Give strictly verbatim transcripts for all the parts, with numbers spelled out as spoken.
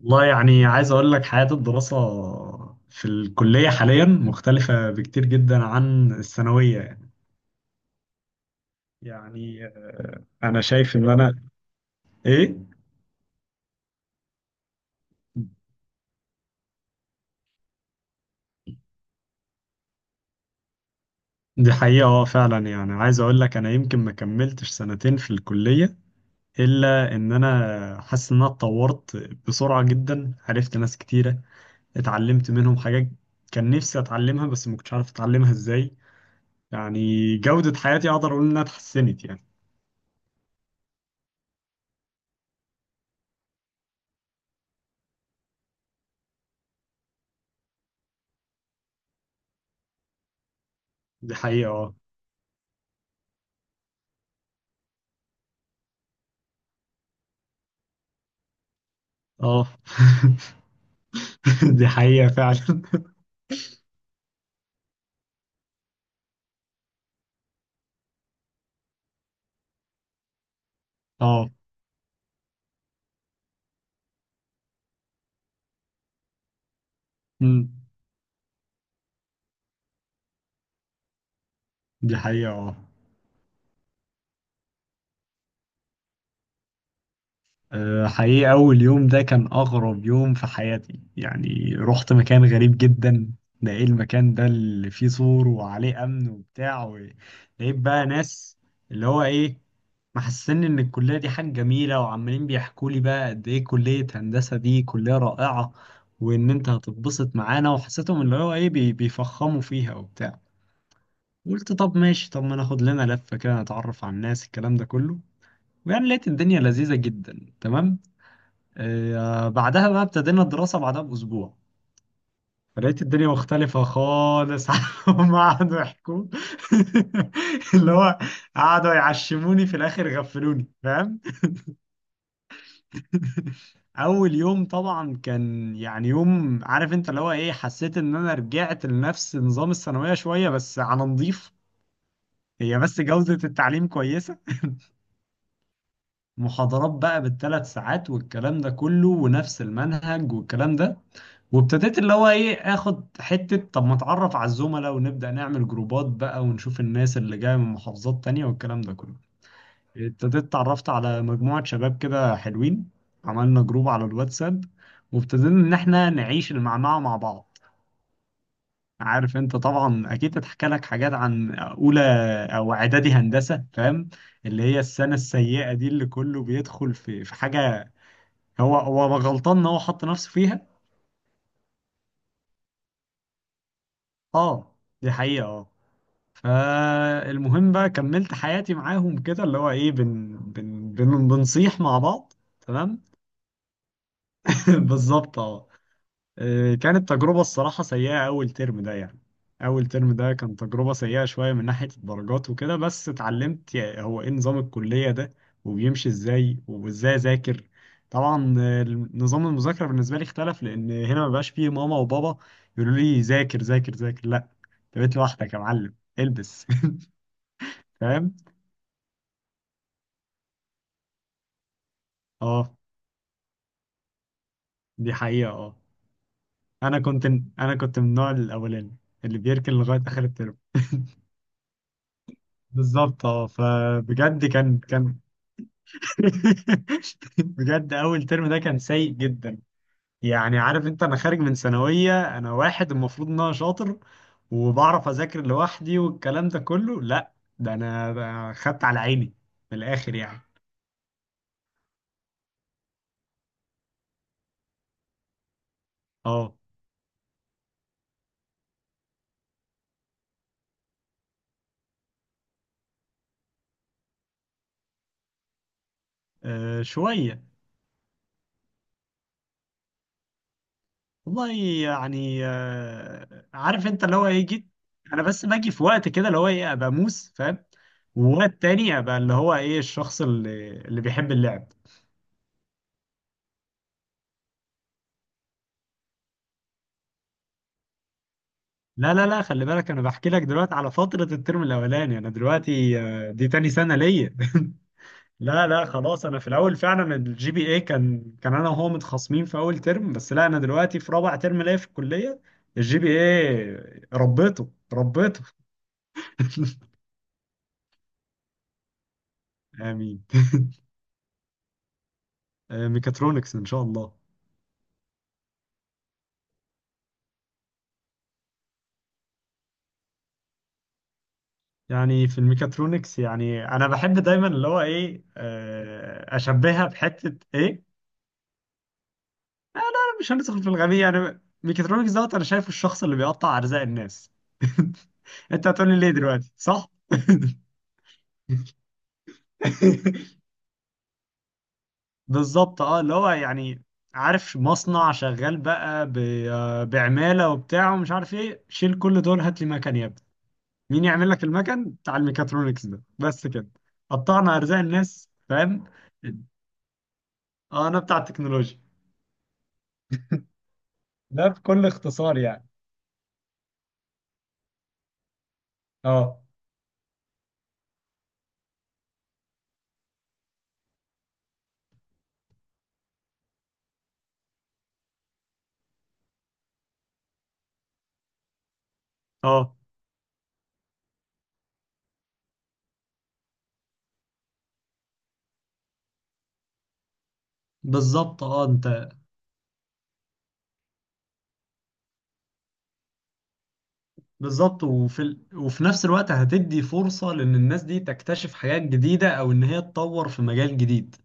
والله، يعني عايز أقول لك، حياة الدراسة في الكلية حاليا مختلفة بكتير جدا عن الثانوية. يعني أنا شايف إن أنا إيه. دي حقيقة، اه، فعلا. يعني عايز أقول لك، أنا يمكن ما كملتش سنتين في الكلية إلا إن أنا حاسس إن أنا اتطورت بسرعة جدا. عرفت ناس كتيرة، اتعلمت منهم حاجات كان نفسي أتعلمها، بس ما كنتش عارف أتعلمها إزاي يعني. جودة حياتي أقدر أقول إنها اتحسنت يعني. دي حقيقة، اه، اه. دي حقيقة فعلا. اه. أمم. دي حقيقة، اه. آه، حقيقة، أول يوم ده كان أغرب يوم في حياتي، يعني رحت مكان غريب جدا. ده إيه المكان ده اللي فيه سور وعليه أمن وبتاع و- لقيت بقى ناس، اللي هو إيه محسسني إن الكلية دي حاجة جميلة، وعمالين بيحكوا لي بقى قد إيه كلية هندسة دي كلية رائعة، وإن أنت هتتبسط معانا، وحسيتهم اللي هو إيه بي- بيفخموا فيها وبتاع. قلت طب ماشي، طب ما ناخد لنا لفة كده نتعرف على الناس الكلام ده كله، ويعني لقيت الدنيا لذيذة جدا تمام. آه بعدها بقى ابتدينا الدراسة بعدها بأسبوع، فلقيت الدنيا مختلفة خالص عن، هما قعدوا يحكوا. اللي هو قعدوا يعشموني في الآخر، غفلوني فاهم. أول يوم طبعا كان يعني يوم، عارف أنت اللي هو إيه حسيت إن أنا رجعت لنفس نظام الثانوية شوية، بس على نضيف. هي بس جودة التعليم كويسة، محاضرات بقى بالثلاث ساعات والكلام ده كله ونفس المنهج والكلام ده. وابتديت اللي هو ايه اخد حتة، طب ما اتعرف على الزملاء ونبدأ نعمل جروبات بقى ونشوف الناس اللي جاية من محافظات تانية والكلام ده كله. ابتديت اتعرفت على مجموعة شباب كده حلوين، عملنا جروب على الواتساب، وابتدينا ان احنا نعيش المعمعة مع بعض. عارف انت طبعا اكيد اتحكى لك حاجات عن اولى او اعدادي هندسة فاهم، اللي هي السنة السيئة دي اللي كله بيدخل في في حاجة، هو هو غلطان ان هو حط نفسه فيها. اه دي حقيقة، اه. فالمهم بقى كملت حياتي معاهم كده، اللي هو ايه بن بن بن بنصيح مع بعض. تمام. بالظبط، اه. آه، كانت تجربة الصراحة سيئة أول ترم ده يعني. أول ترم ده كان تجربة سيئة شوية من ناحية الدرجات وكده، بس اتعلمت يا- هو إيه نظام الكلية ده وبيمشي إزاي وإزاي أذاكر. طبعا آه، نظام المذاكرة بالنسبة لي اختلف، لأن هنا مبقاش فيه ماما وبابا يقولوا لي ذاكر ذاكر ذاكر، لأ. أنت بقيت لوحدك يا معلم البس. فاهم؟ أه، دي حقيقة، أه. أنا كنت أنا كنت من النوع الأولاني اللي بيركن لغاية آخر الترم. بالظبط، اه. فبجد كان كان بجد، اول ترم ده كان سيء جدا. يعني عارف انت، انا خارج من ثانويه انا واحد المفروض ان انا شاطر وبعرف اذاكر لوحدي والكلام ده كله، لا ده انا ده خدت على عيني من الاخر يعني. اه، آه، شويه. والله يعني آه، عارف انت اللي هو ايه جيت. انا بس باجي في وقت كده اللي هو ايه ابقى موس فاهم، ووقت تاني ابقى اللي هو ايه الشخص اللي اللي بيحب اللعب. لا لا لا، خلي بالك انا بحكي لك دلوقتي على فترة الترم الاولاني، انا دلوقتي آه، دي تاني سنة ليا. لا لا، خلاص انا في الاول فعلا الجي بي اي كان كان انا وهو متخاصمين في اول ترم بس. لا انا دلوقتي في رابع ترم ليا في الكلية، الجي بي اي ربيته ربيته. امين. آه، ميكاترونكس ان شاء الله. يعني في الميكاترونكس، يعني انا بحب دايما اللي هو ايه آه، اشبهها بحتة ايه. مش هندخل في الغبية يعني، ميكاترونكس دوت، انا شايف الشخص اللي بيقطع ارزاق الناس. انت هتقولي ليه دلوقتي، صح؟ بالظبط، اه. اللي هو يعني، عارف مصنع شغال بقى ب- آه، بعمالة وبتاع، ومش عارف ايه، شيل كل دول هات لي مكن يا ابني. مين يعمل لك المكن بتاع الميكاترونكس ده بس كده. قطعنا ارزاق الناس فاهم. اه انا بتاع التكنولوجيا. ده بكل اختصار يعني. اه، اه، بالظبط، اه، انت. بالظبط وفي ال... وفي نفس الوقت هتدي فرصة لان الناس دي تكتشف حاجات جديدة، او ان هي تطور في مجال جديد.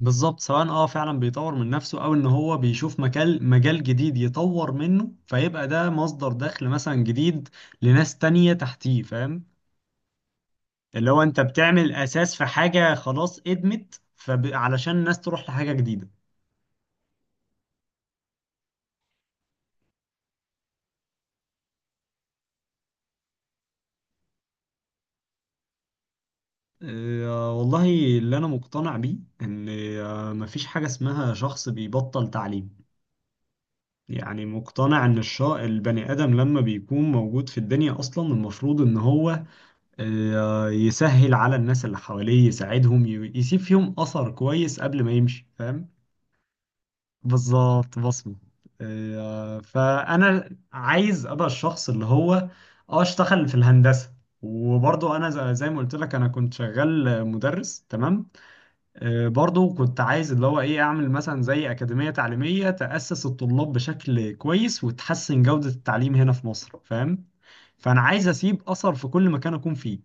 بالظبط، سواء اه فعلا بيطور من نفسه، او ان هو بيشوف مجال مجال جديد يطور منه، فيبقى ده مصدر دخل مثلا جديد لناس تانية تحتيه فاهم. اللي هو انت بتعمل اساس في حاجة خلاص ادمت، فعلشان الناس تروح لحاجة جديدة. آه والله، اللي انا مقتنع بيه، ان آه مفيش حاجة اسمها شخص بيبطل تعليم. يعني مقتنع ان الشا البني ادم لما بيكون موجود في الدنيا اصلا المفروض ان هو آه، يسهل على الناس اللي حواليه، يساعدهم، ي- يسيب فيهم أثر كويس قبل ما يمشي فاهم. بالظبط، بصمة. آه، فأنا عايز أبقى الشخص اللي هو، اه اشتغل في الهندسة، وبرضه أنا ز- زي ما قلت لك أنا كنت شغال مدرس تمام. آه، برضه كنت عايز اللي هو إيه أعمل مثلا زي أكاديمية تعليمية تأسس الطلاب بشكل كويس وتحسن جودة التعليم هنا في مصر فاهم. فأنا عايز أسيب أثر في كل مكان أكون فيه،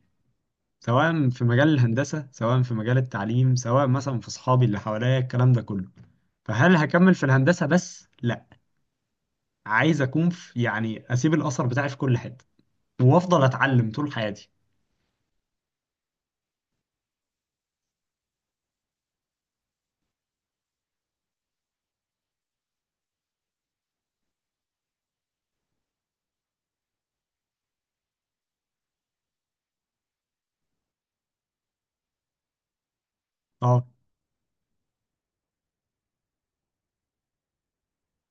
سواء في مجال الهندسة، سواء في مجال التعليم، سواء مثلا في صحابي اللي حواليا الكلام ده كله. فهل هكمل في الهندسة بس؟ لا، عايز أكون في، يعني أسيب الأثر بتاعي في كل حتة، وأفضل أتعلم طول حياتي. اه.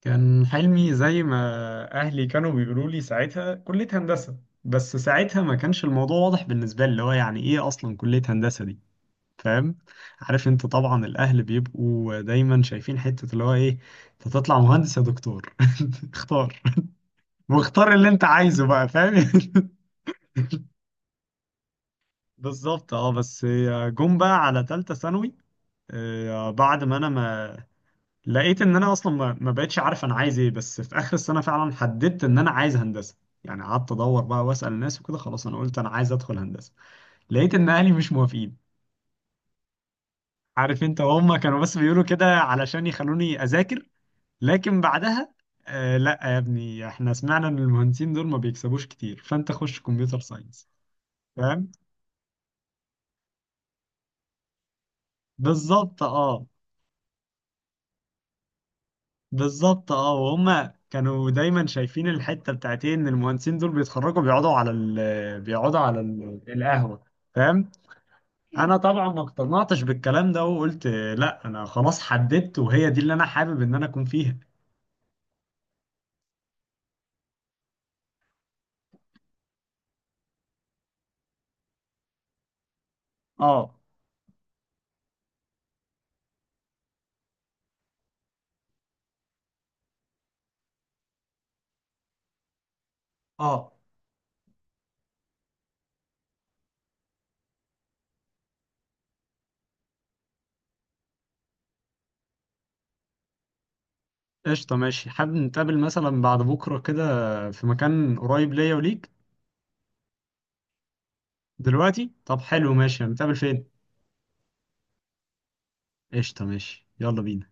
كان حلمي زي ما أهلي كانوا بيقولوا لي ساعتها كلية هندسة، بس ساعتها ما كانش الموضوع واضح بالنسبة لي، اللي هو يعني إيه أصلا كلية هندسة دي. فاهم؟ عارف أنت طبعا الأهل بيبقوا دايما شايفين حتة اللي هو إيه أنت تطلع مهندس يا دكتور. اختار، واختار اللي انت عايزه بقى فاهم. بالظبط، اه. بس جم بقى على تالتة ثانوي، آه، بعد ما انا ما لقيت ان انا اصلا ما ما بقتش عارف انا عايز ايه، بس في اخر السنة فعلا حددت ان انا عايز هندسة. يعني قعدت ادور بقى واسأل الناس وكده، خلاص انا قلت انا عايز ادخل هندسة. لقيت ان اهلي مش موافقين. عارف انت هم كانوا بس بيقولوا كده علشان يخلوني اذاكر، لكن بعدها، آه لا يا ابني احنا سمعنا ان المهندسين دول ما بيكسبوش كتير، فانت خش كمبيوتر ساينس. فاهم؟ بالظبط، اه. بالظبط، اه. وهم كانوا دايما شايفين الحته بتاعت ايه، ان المهندسين دول بيتخرجوا بيقعدوا على ال بيقعدوا على ال القهوه فاهم. انا طبعا ما اقتنعتش بالكلام ده، وقلت لا، انا خلاص حددت وهي دي اللي انا حابب ان انا اكون فيها. اه، اه. قشطه ماشي، حابب نتقابل مثلا بعد بكره كده في مكان قريب ليا وليك. دلوقتي؟ طب حلو ماشي، هنتقابل فين؟ قشطه ماشي، يلا بينا.